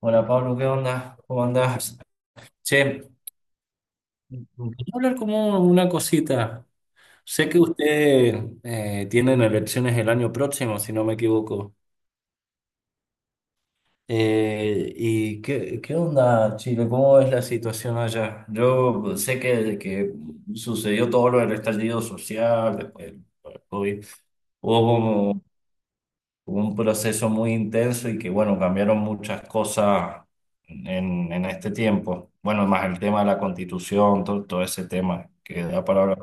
Hola Pablo, ¿qué onda? ¿Cómo andás? Che, quería hablar como una cosita. Sé que usted tienen elecciones el año próximo, si no me equivoco. ¿Y qué onda, Chile? ¿Cómo es la situación allá? Yo sé que sucedió todo lo del estallido social, después del COVID. Hubo como Hubo un proceso muy intenso y que, bueno, cambiaron muchas cosas en este tiempo. Bueno, más el tema de la constitución, todo ese tema que da para hablar.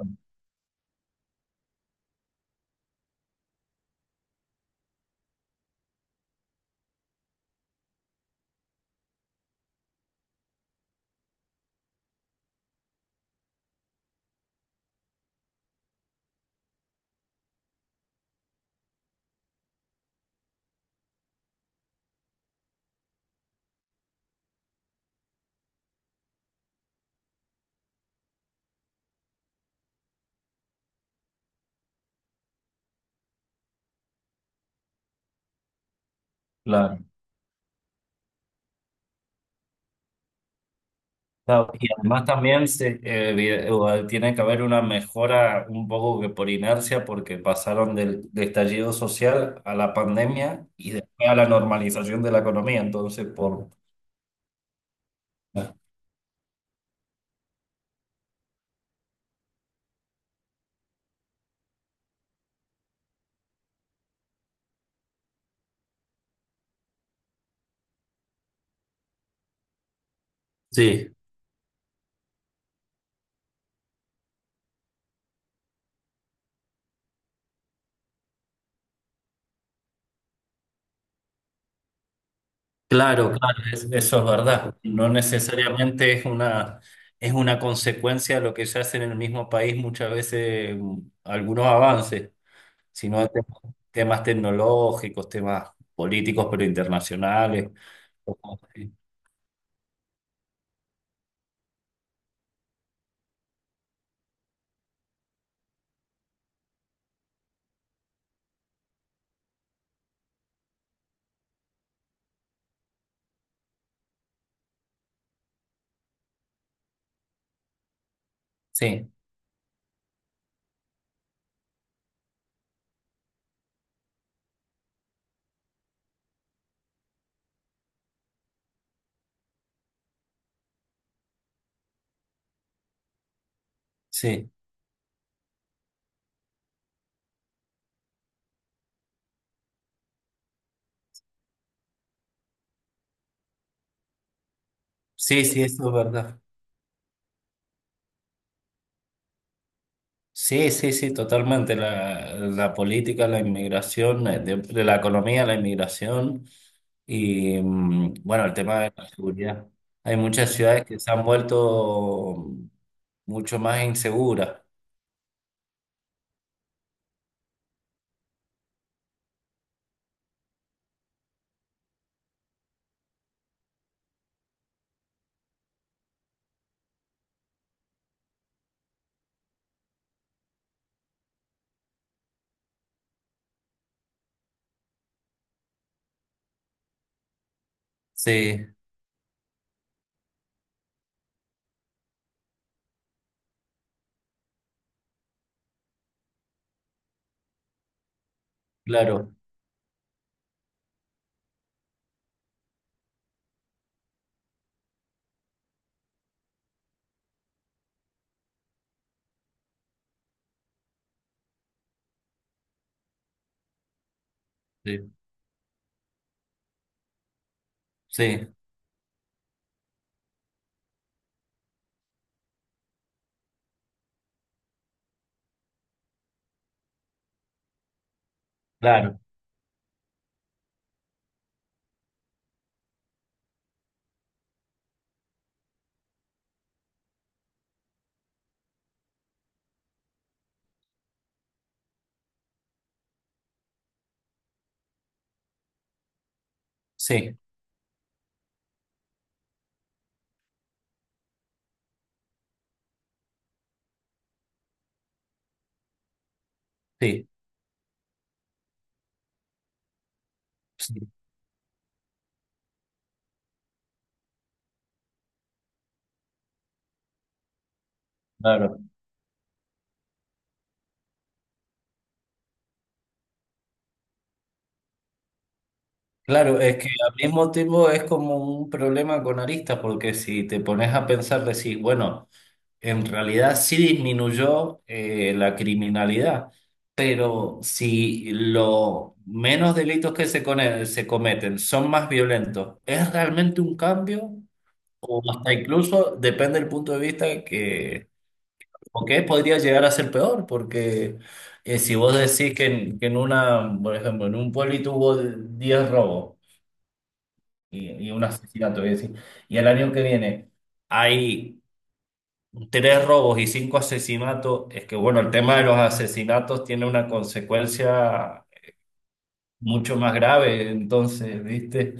Claro. Claro, y además también tiene que haber una mejora un poco que por inercia, porque pasaron del estallido social a la pandemia y después a la normalización de la economía. Entonces, por... Sí. Claro, claro, eso es verdad. No necesariamente es una consecuencia de lo que se hace en el mismo país muchas veces algunos avances, sino de temas tecnológicos, temas políticos, pero internacionales. O cosas así. Sí, sí, sí, eso es verdad. Sí, sí, sí, totalmente. La política, la inmigración, de la economía, la inmigración bueno, el tema de la seguridad. Hay muchas ciudades que se han vuelto mucho más inseguras. Sí, claro, sí, sí, claro, sí, sí, sí, claro. Claro, es que al mismo tiempo es como un problema con aristas, porque si te pones a pensar, decís, bueno. En realidad sí disminuyó la criminalidad, pero si los menos delitos que se cometen son más violentos, ¿es realmente un cambio? O hasta incluso, depende del punto de vista que, o que podría llegar a ser peor, porque si vos decís que en una, por ejemplo, en un pueblito hubo 10 robos y un asesinato, voy a decir, y el año que viene hay 3 robos y 5 asesinatos. Es que, bueno, el tema de los asesinatos tiene una consecuencia mucho más grave, entonces, ¿viste?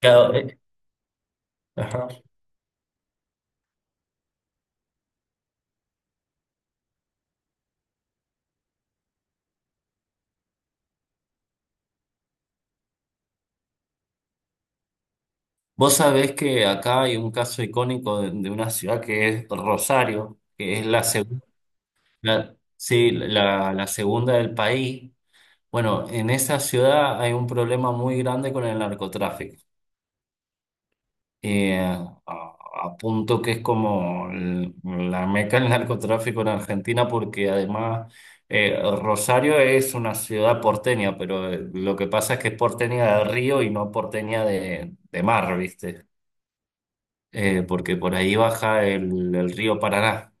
Cada- eh, ajá. Vos sabés que acá hay un caso icónico de una ciudad que es Rosario, que es la segunda, sí, la segunda del país. Bueno, en esa ciudad hay un problema muy grande con el narcotráfico. eh, a, a punto que es como la meca del narcotráfico en Argentina, porque además Rosario es una ciudad porteña, pero lo que pasa es que es porteña de río y no porteña de mar, ¿viste? Porque por ahí baja el río Paraná.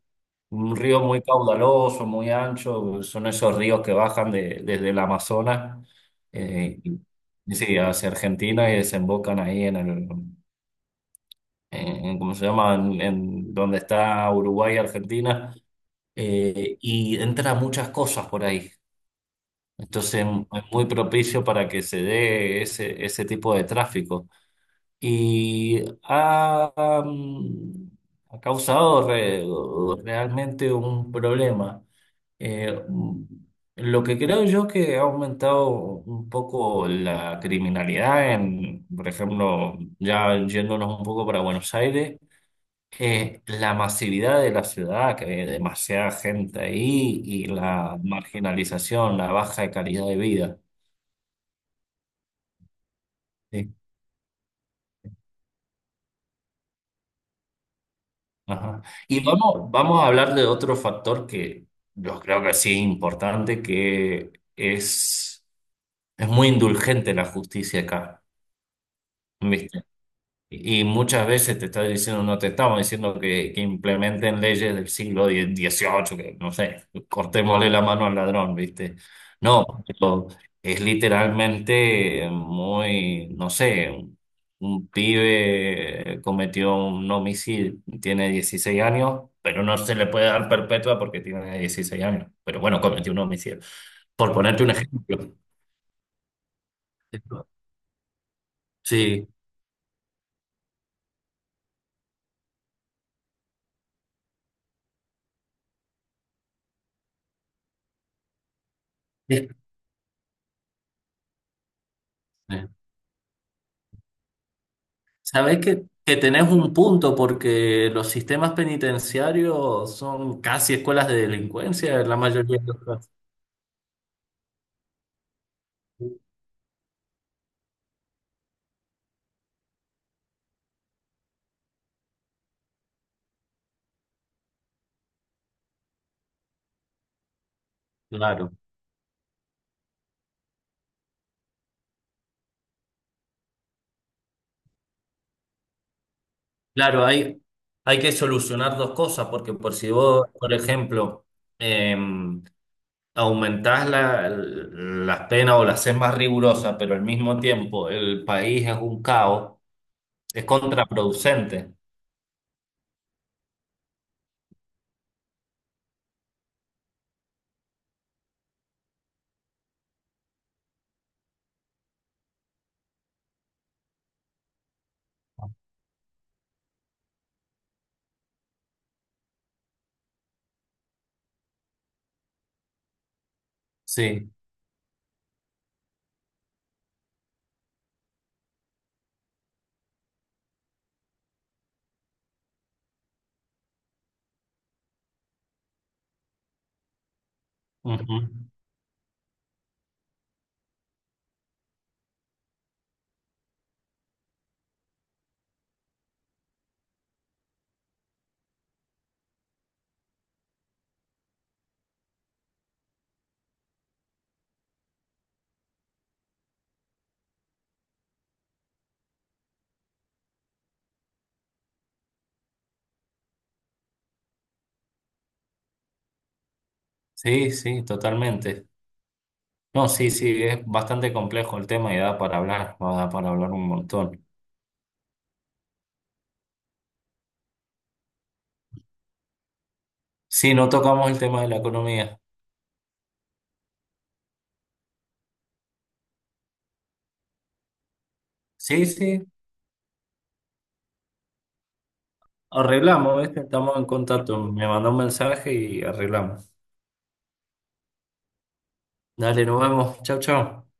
Un río muy caudaloso, muy ancho, son esos ríos que bajan desde el Amazonas, eh, y- y sí, hacia Argentina y desembocan ahí en ¿cómo se llama? En donde está Uruguay y Argentina. Y entra muchas cosas por ahí. Entonces es muy propicio para que se dé ese tipo de tráfico. Y ha, ha causado realmente un problema. Eh, mm, lo que creo yo que ha aumentado un poco la criminalidad en, por ejemplo, ya yéndonos un poco para Buenos Aires, la masividad de la ciudad, que hay demasiada gente ahí y la marginalización, la baja de calidad de vida. Sí. Ajá. Y vamos a hablar de otro factor que yo creo que sí es importante, que es muy indulgente la justicia acá. ¿Viste? Y muchas veces te está diciendo, no te estamos diciendo que implementen leyes del siglo XVIII, que no sé, cortémosle la mano al ladrón, ¿viste? No, pero es literalmente muy, no sé, un pibe cometió un homicidio, tiene 16 años, pero no se le puede dar perpetua porque tiene 16 años. Pero bueno, cometió un homicidio. Por ponerte un ejemplo. Sí. Sí. Sabes que tenés un punto porque los sistemas penitenciarios son casi escuelas de delincuencia en la mayoría de los casos. Claro, claro, hay que solucionar dos cosas porque por si vos, por ejemplo, eh, aumentás la, las penas o las haces más rigurosas, pero al mismo tiempo el país es un caos, es contraproducente. Sí, ujú. Sí, sí, totalmente. No, sí, sí, es bastante complejo el tema y da para hablar un montón. Sí, no tocamos el tema de la economía. Sí, sí, arreglamos, ¿viste? Estamos en contacto. Me mandó un mensaje y arreglamos. Dale, nos vemos. Chau, chau.